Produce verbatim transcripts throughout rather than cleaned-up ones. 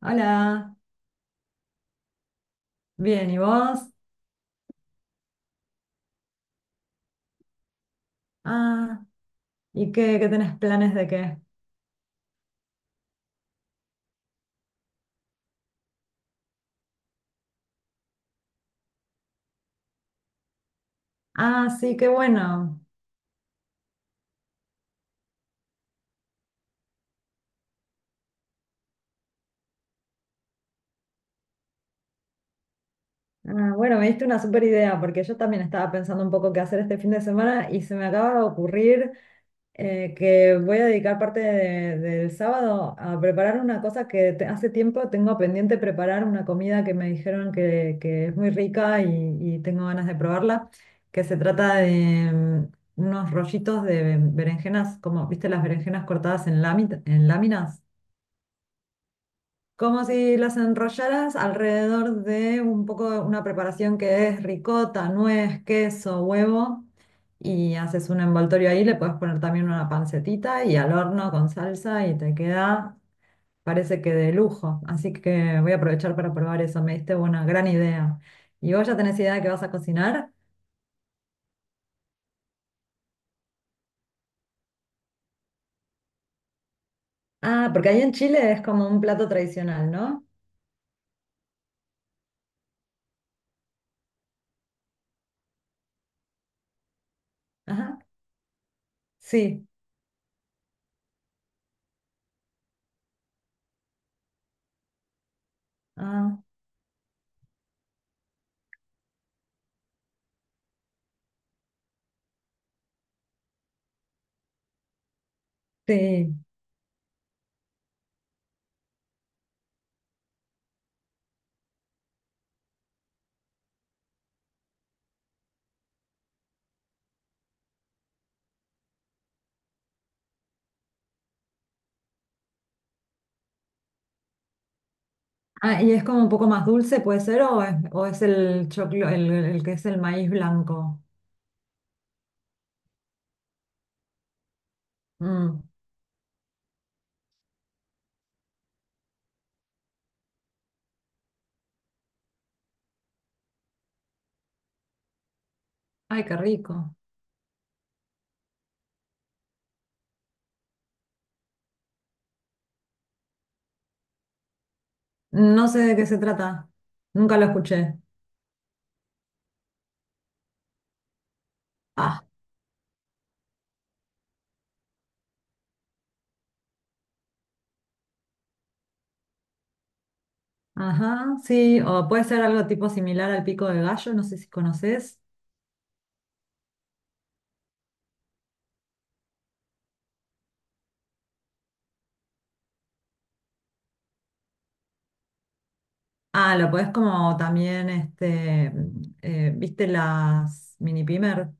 Hola, bien, ¿y vos? Ah, ¿y qué, qué tenés planes de qué? Ah, sí, qué bueno. Ah, bueno, me diste una super idea porque yo también estaba pensando un poco qué hacer este fin de semana y se me acaba de ocurrir eh, que voy a dedicar parte de- del sábado a preparar una cosa que te- hace tiempo tengo pendiente preparar, una comida que me dijeron que, que es muy rica y, y tengo ganas de probarla, que se trata de mm, unos rollitos de berenjenas, como, viste, las berenjenas cortadas en lámi- en láminas como si las enrollaras alrededor de un poco una preparación que es ricota, nuez, queso, huevo, y haces un envoltorio ahí, le puedes poner también una pancetita y al horno con salsa y te queda, parece que de lujo. Así que voy a aprovechar para probar eso, me diste una gran idea. ¿Y vos ya tenés idea de qué vas a cocinar? Ah, porque ahí en Chile es como un plato tradicional, ¿no? Ajá, sí. Ah, sí. Ah, y es como un poco más dulce, puede ser, o es, o es el choclo, el, el que es el maíz blanco. Mm. Ay, qué rico. No sé de qué se trata. Nunca lo escuché. Ah, ajá, sí. O puede ser algo tipo similar al pico de gallo, no sé si conoces. Ah, lo podés como también, este, eh, ¿viste las mini pimer?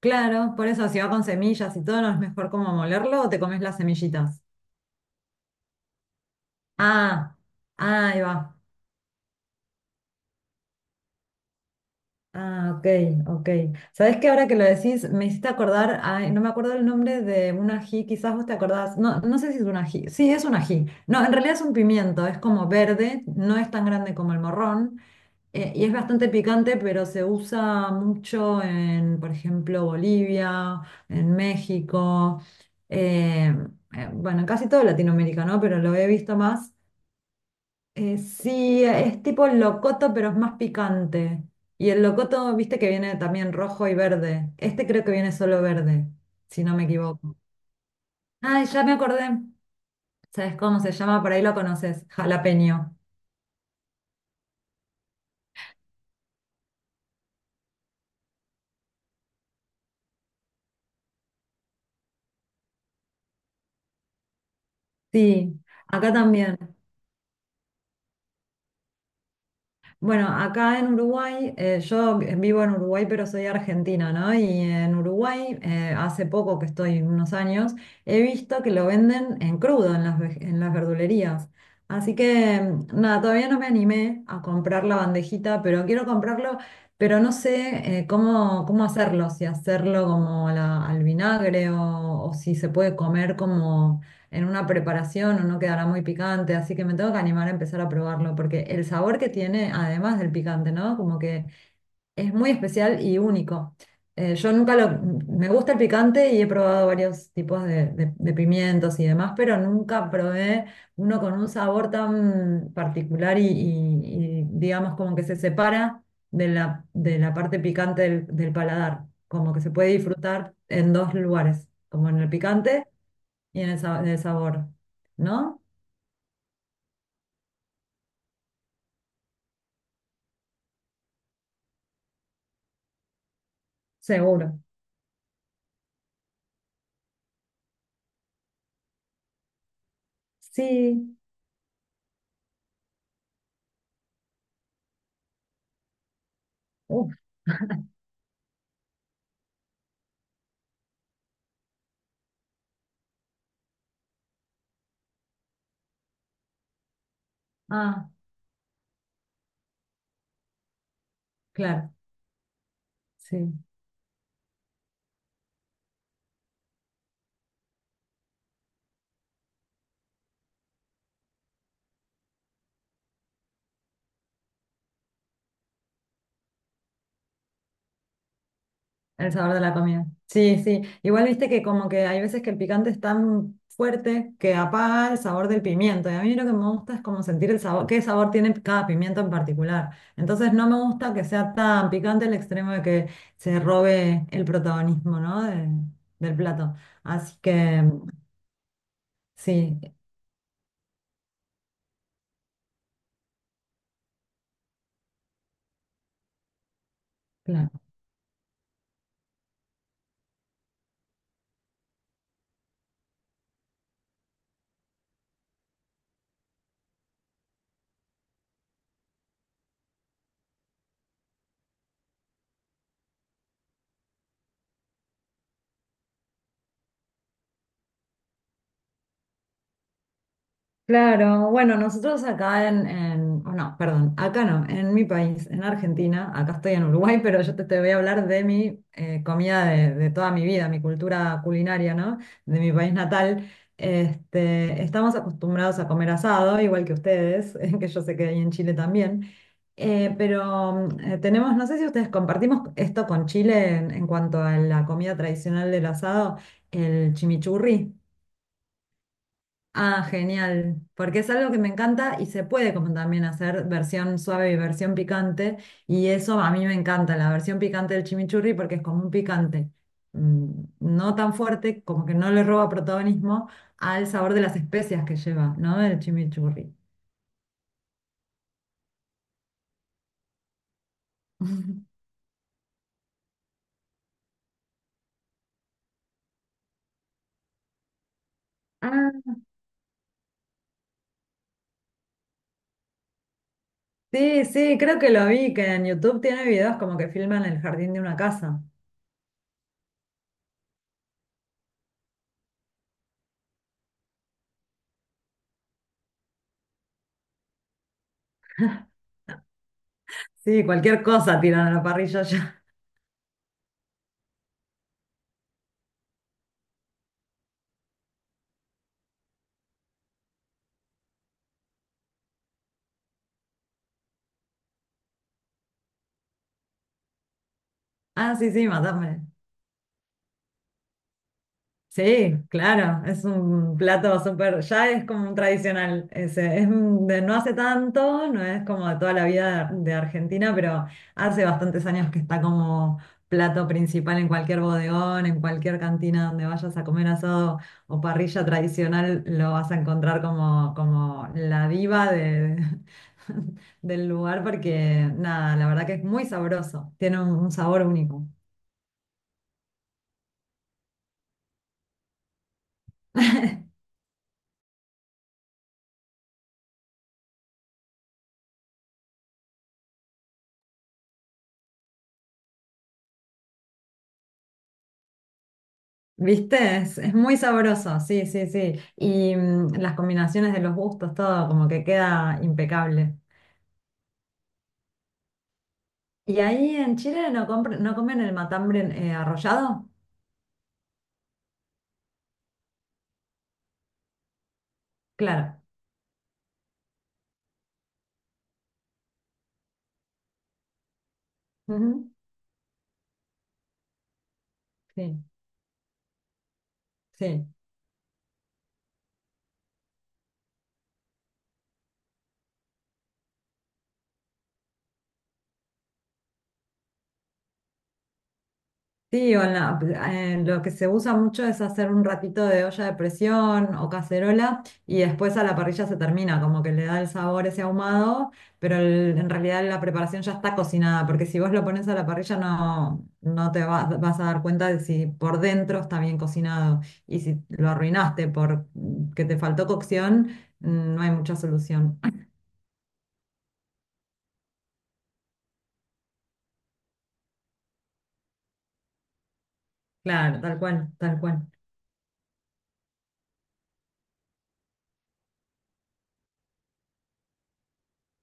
Claro, por eso si va con semillas y todo, ¿no es mejor como molerlo o te comes las semillitas? Ah, ah, ahí va. Ah, ok, ok. ¿Sabés que ahora que lo decís, me hiciste acordar, ay, no me acuerdo el nombre de un ají, quizás vos te acordás, no, no sé si es un ají, sí, es un ají? No, en realidad es un pimiento, es como verde, no es tan grande como el morrón, eh, y es bastante picante, pero se usa mucho en, por ejemplo, Bolivia, en México, eh, eh, bueno, en casi todo Latinoamérica, ¿no? Pero lo he visto más. Eh, sí, es tipo el locoto, pero es más picante. Y el locoto, viste que viene también rojo y verde. Este creo que viene solo verde, si no me equivoco. Ay, ya me acordé. ¿Sabes cómo se llama? Por ahí lo conoces. Jalapeño. Sí, acá también. Bueno, acá en Uruguay, eh, yo vivo en Uruguay, pero soy argentina, ¿no? Y en Uruguay, eh, hace poco que estoy, unos años, he visto que lo venden en crudo en las, ve- en las verdulerías. Así que, mm, nada, todavía no me animé a comprar la bandejita, pero quiero comprarlo, pero no sé, eh, cómo, cómo hacerlo, si hacerlo como la- al vinagre o, o si se puede comer como en una preparación o no quedará muy picante, así que me tengo que animar a empezar a probarlo, porque el sabor que tiene, además del picante, ¿no? Como que es muy especial y único. Eh, yo nunca lo... Me gusta el picante y he probado varios tipos de, de- de pimientos y demás, pero nunca probé uno con un sabor tan particular y, y- y, digamos como que se separa de la, de la parte picante del, del paladar, como que se puede disfrutar en dos lugares, como en el picante y en el, sa- en sabor, ¿no? Seguro. Sí. Uf. Ah, claro, sí. El sabor de la comida. Sí, sí. Igual viste que como que hay veces que el picante es tan fuerte que apaga el sabor del pimiento. Y a mí lo que me gusta es como sentir el sabor, qué sabor tiene cada pimiento en particular. Entonces no me gusta que sea tan picante el extremo de que se robe el protagonismo, ¿no? de- del plato. Así que sí, claro. Claro, bueno, nosotros acá en, en- oh, no, perdón, acá no, en mi país, en Argentina, acá estoy en Uruguay, pero yo te, te voy a hablar de mi eh, comida de, de toda mi vida, mi cultura culinaria, ¿no? De mi país natal. Este, estamos acostumbrados a comer asado, igual que ustedes, que yo sé que hay en Chile también. Eh, pero mm, eh, tenemos, no sé si ustedes compartimos esto con Chile en, en cuanto a la comida tradicional del asado, el chimichurri. Ah, genial, porque es algo que me encanta y se puede como también hacer versión suave y versión picante, y eso a mí me encanta, la versión picante del chimichurri, porque es como un picante mm, no tan fuerte, como que no le roba protagonismo al sabor de las especias que lleva, ¿no? El chimichurri. Ah, sí, sí, creo que lo vi, que en YouTube tiene videos como que filman el jardín de una casa. Sí, cualquier cosa tiran a la parrilla ya. Ah, sí, sí, matame. Sí, claro, es un plato súper, ya es como un tradicional, ese, es un- de no hace tanto, no es como de toda la vida de, Argentina, pero hace bastantes años que está como plato principal en cualquier bodegón, en cualquier cantina donde vayas a comer asado o parrilla tradicional, lo vas a encontrar como, como la diva de, del lugar, porque nada, la verdad que es muy sabroso, tiene un un sabor único. ¿Viste? Es, es muy sabroso, sí, sí, sí. Y mm, las combinaciones de los gustos, todo como que queda impecable. ¿Y ahí en Chile no, compr- no comen el matambre eh, arrollado? Claro. Ujú. Sí, sí. Sí, o en la- en lo que se usa mucho es hacer un ratito de olla de presión o cacerola y después a la parrilla se termina, como que le da el sabor ese ahumado, pero el- en realidad la preparación ya está cocinada, porque si vos lo pones a la parrilla no, no te va- vas a dar cuenta de si por dentro está bien cocinado y si lo arruinaste por mm, que te faltó cocción, mm, no hay mucha solución. Claro, tal cual, tal cual.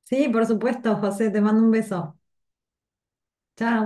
Sí, por supuesto, José, te mando un beso. Chao.